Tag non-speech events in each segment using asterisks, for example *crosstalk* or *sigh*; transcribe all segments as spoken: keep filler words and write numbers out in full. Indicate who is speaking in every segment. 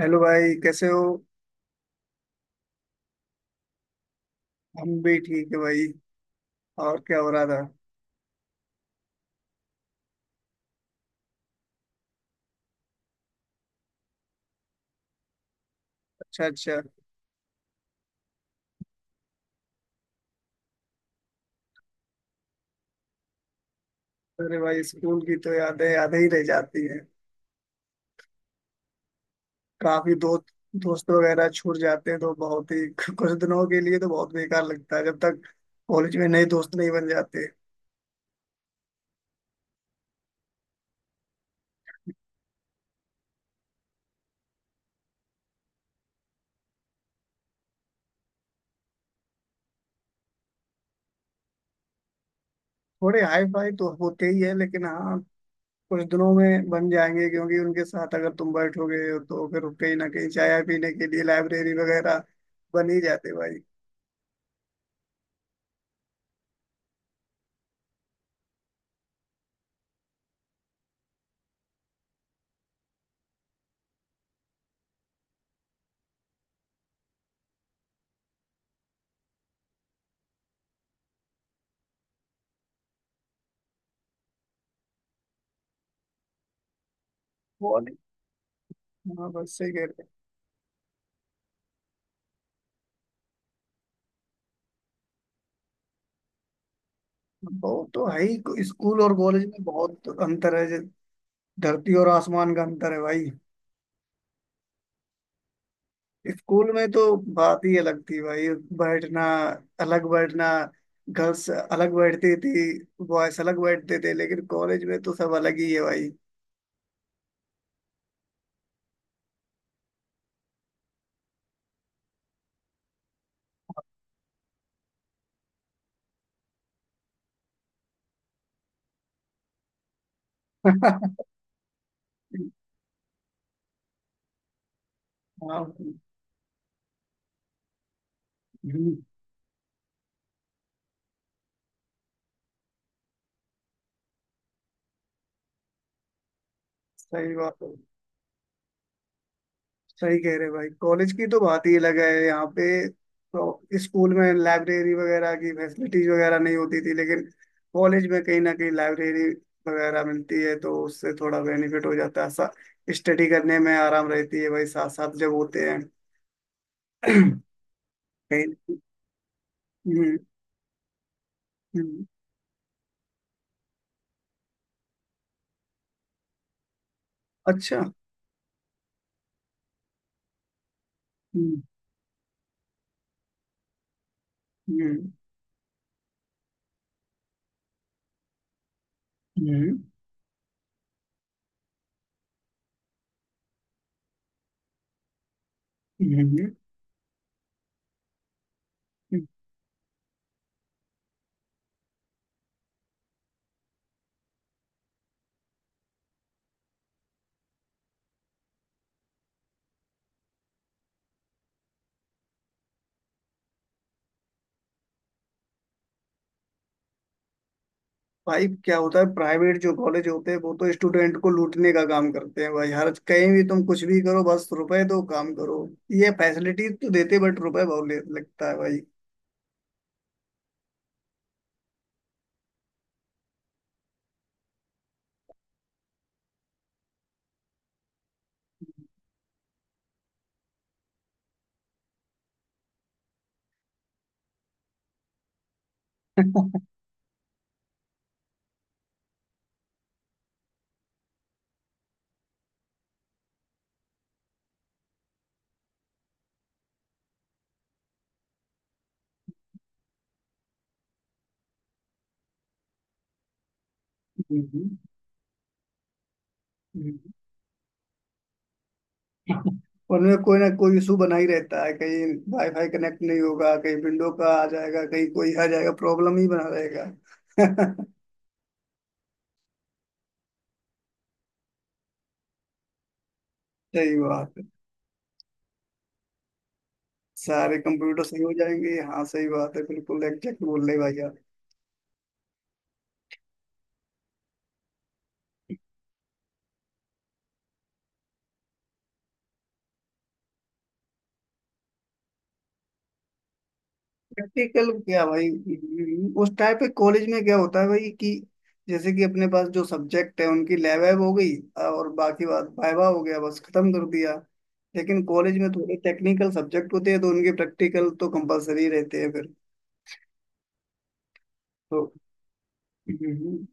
Speaker 1: Hello भाई, कैसे हो? हम भी ठीक है भाई। और क्या हो रहा था? अच्छा अच्छा। अरे भाई, स्कूल की तो यादें यादें ही रह जाती हैं। काफी दोस्त दोस्त वगैरह छूट जाते हैं तो बहुत ही *laughs* कुछ दिनों के लिए तो बहुत बेकार लगता है, जब तक कॉलेज में नए दोस्त नहीं बन जाते। थोड़े हाई फाई तो होते ही है, लेकिन हाँ, कुछ दिनों में बन जाएंगे क्योंकि उनके साथ अगर तुम बैठोगे तो फिर कहीं ना कहीं चाय पीने के लिए लाइब्रेरी वगैरह बन ही जाते भाई। वो नहीं, हाँ, बस सही कह रहे हो। वो तो है ही, स्कूल और कॉलेज में बहुत अंतर है, जैसे धरती और आसमान का अंतर है भाई। स्कूल में तो बात ही अलग थी भाई। बैठना, अलग बैठना, गर्ल्स अलग बैठती थी, बॉयज अलग बैठते थे, लेकिन कॉलेज में तो सब अलग ही है भाई। *laughs* हाँ। हम्म। सही बात है। सही कह रहे भाई, कॉलेज की तो बात ही अलग है। यहाँ पे तो, स्कूल में लाइब्रेरी वगैरह की फैसिलिटीज वगैरह नहीं होती थी, लेकिन कॉलेज में कहीं ना कहीं लाइब्रेरी वगैरह मिलती है तो उससे थोड़ा बेनिफिट हो जाता है। सा, स्टडी करने में आराम रहती है भाई, साथ साथ जब होते हैं। *clears throat* कहीं। हम्म। हम्म। हम्म। अच्छा। हम्म। हम्म। हम्म। हम्म। हम्म। भाई, क्या होता है, प्राइवेट जो कॉलेज होते हैं वो तो स्टूडेंट को लूटने का काम करते हैं भाई। हर कहीं भी तुम कुछ भी करो, बस रुपए दो, काम करो। ये फैसिलिटी तो देते, बट रुपए बहुत ले- लगता है भाई। *laughs* हम्म। हम्म। हम्म। उनमें कोई ना कोई इशू बना ही रहता है। कहीं वाईफाई कनेक्ट नहीं होगा, कहीं विंडो का आ जाएगा, कहीं कोई आ जाएगा, प्रॉब्लम ही बना रहेगा। *laughs* सही बात है। सारे कंप्यूटर सही हो जाएंगे, हाँ, सही बात है, बिल्कुल एग्जैक्ट बोल रहे भाई। प्रैक्टिकल क्या भाई? उस टाइप के कॉलेज में क्या होता है भाई कि जैसे कि अपने पास जो सब्जेक्ट है उनकी लैब वैब हो गई, और बाकी बात वाइवा हो गया, बस खत्म कर दिया। लेकिन कॉलेज में थोड़े टेक्निकल सब्जेक्ट होते हैं तो उनके प्रैक्टिकल तो कंपलसरी रहते हैं फिर। तो हम्म।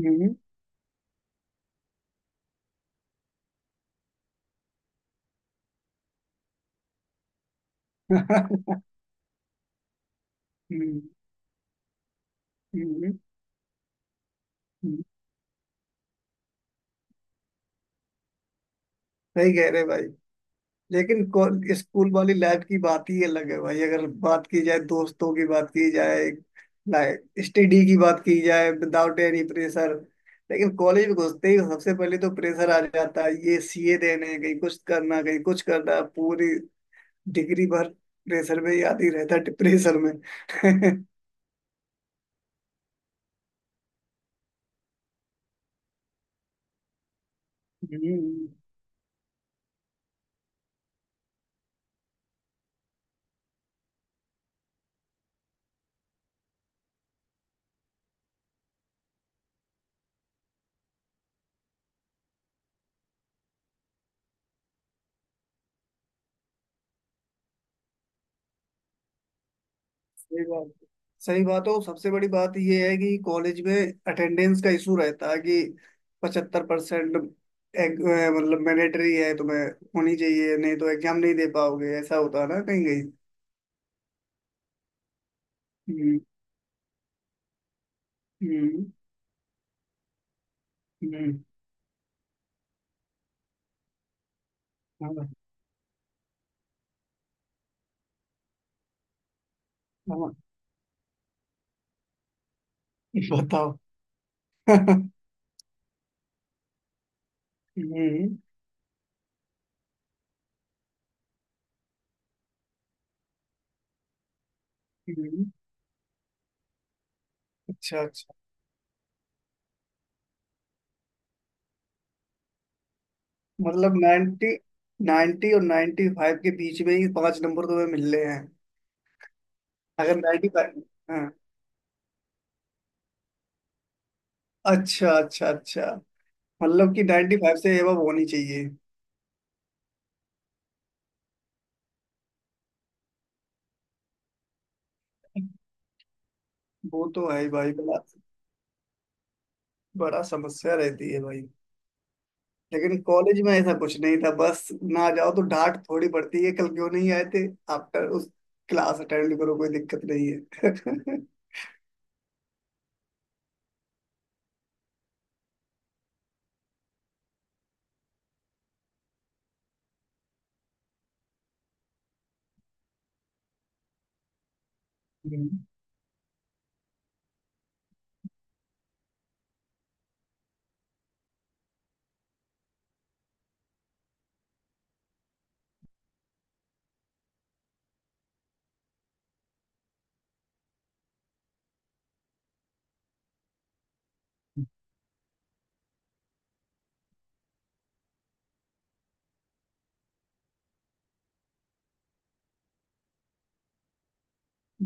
Speaker 1: हम्म। हम्म। *laughs* हम्म। हम्म। हम्म। सही कह रहे भाई। लेकिन को- स्कूल वाली लाइफ की बात ही अलग है भाई, अगर बात की जाए, दोस्तों की बात की जाए, लाइक स्टडी की बात की जाए, विदाउट एनी प्रेशर। लेकिन कॉलेज में घुसते ही सबसे पहले तो प्रेशर आ जाता है, ये सीए देने हैं, कहीं कुछ करना, कहीं कुछ करना, पूरी डिग्री भर प्रेशर में ही आती रहता है, प्रेशर में। *laughs* हम्म। सही बात। सही बात है। और सबसे बड़ी बात यह है कि कॉलेज में अटेंडेंस का इशू रहता है कि पचहत्तर परसेंट मतलब मैंडेटरी है, तुम्हें होनी चाहिए, नहीं तो एग्जाम नहीं दे पाओगे, ऐसा होता है ना कहीं कहीं। हम्म। हम्म। हम्म। हाँ। हाँ। बताओ। *laughs* हम्म। हम्म। अच्छा अच्छा। मतलब नाइन्टी, नाइन्टी और नाइन्टी फाइव के बीच में ही पांच नंबर तुम्हें मिल रहे हैं? अगर नाइन्टी फाइव, हाँ, अच्छा अच्छा अच्छा, मतलब कि नाइन्टी फाइव से एबव होनी चाहिए। वो तो है ही भाई, बड़ा बड़ा समस्या रहती है भाई। लेकिन कॉलेज में ऐसा कुछ नहीं था, बस ना जाओ तो डांट थोड़ी पड़ती है, कल क्यों नहीं आए थे, आफ्टर उस क्लास अटेंड करो, कोई दिक्कत नहीं है। *laughs* हम्म।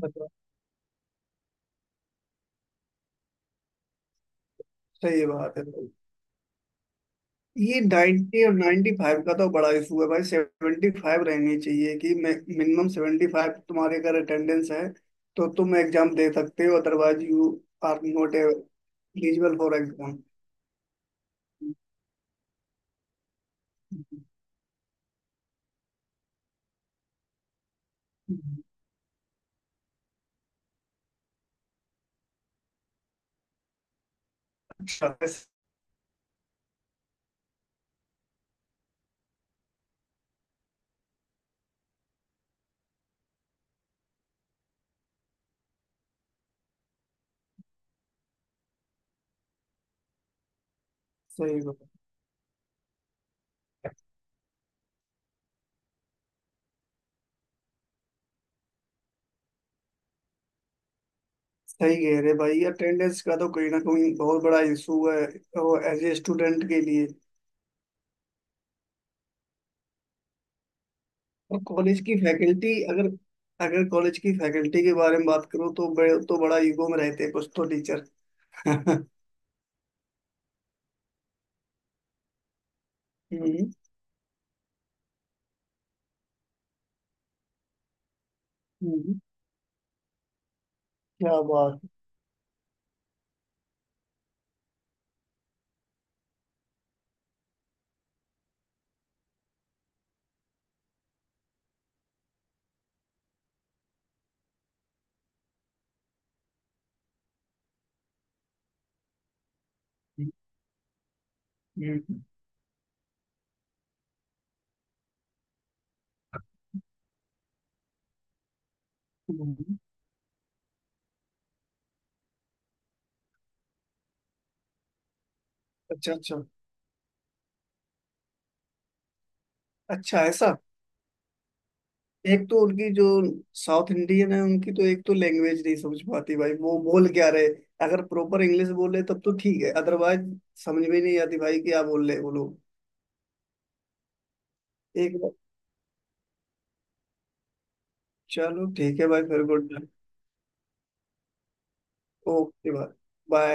Speaker 1: बताओ। सही बात है भाई। ये नाइन्टी और नाइन्टी फाइव का तो बड़ा इशू है भाई। सेवेंटी फाइव रहनी चाहिए कि मिनिमम सेवेंटी फाइव तुम्हारे अगर अटेंडेंस है तो तुम एग्जाम दे सकते हो, otherwise you are not eligible for exam. अच्छा। सही सही कह रहे भाई, अटेंडेंस का तो कहीं ना कहीं बहुत बड़ा इशू है, एज ए स्टूडेंट के लिए। और कॉलेज की फैकल्टी अगर, अगर कॉलेज की फैकल्टी के बारे में बात करूँ तो बड़े तो बड़ा ईगो में रहते हैं कुछ तो टीचर। *laughs* हम्म। हम्म। क्या बात। हम्म। हम्म। हम्म। अच्छा अच्छा। अच्छा ऐसा। एक तो उनकी जो साउथ इंडियन है उनकी तो एक तो लैंग्वेज नहीं समझ पाती भाई, वो बोल क्या रहे। अगर प्रॉपर इंग्लिश बोले तब तो ठीक है, अदरवाइज समझ में नहीं आती भाई, क्या बोल रहे हैं वो लोग। एक बार, चलो ठीक है भाई, फिर गुड। ओके भाई, बाय।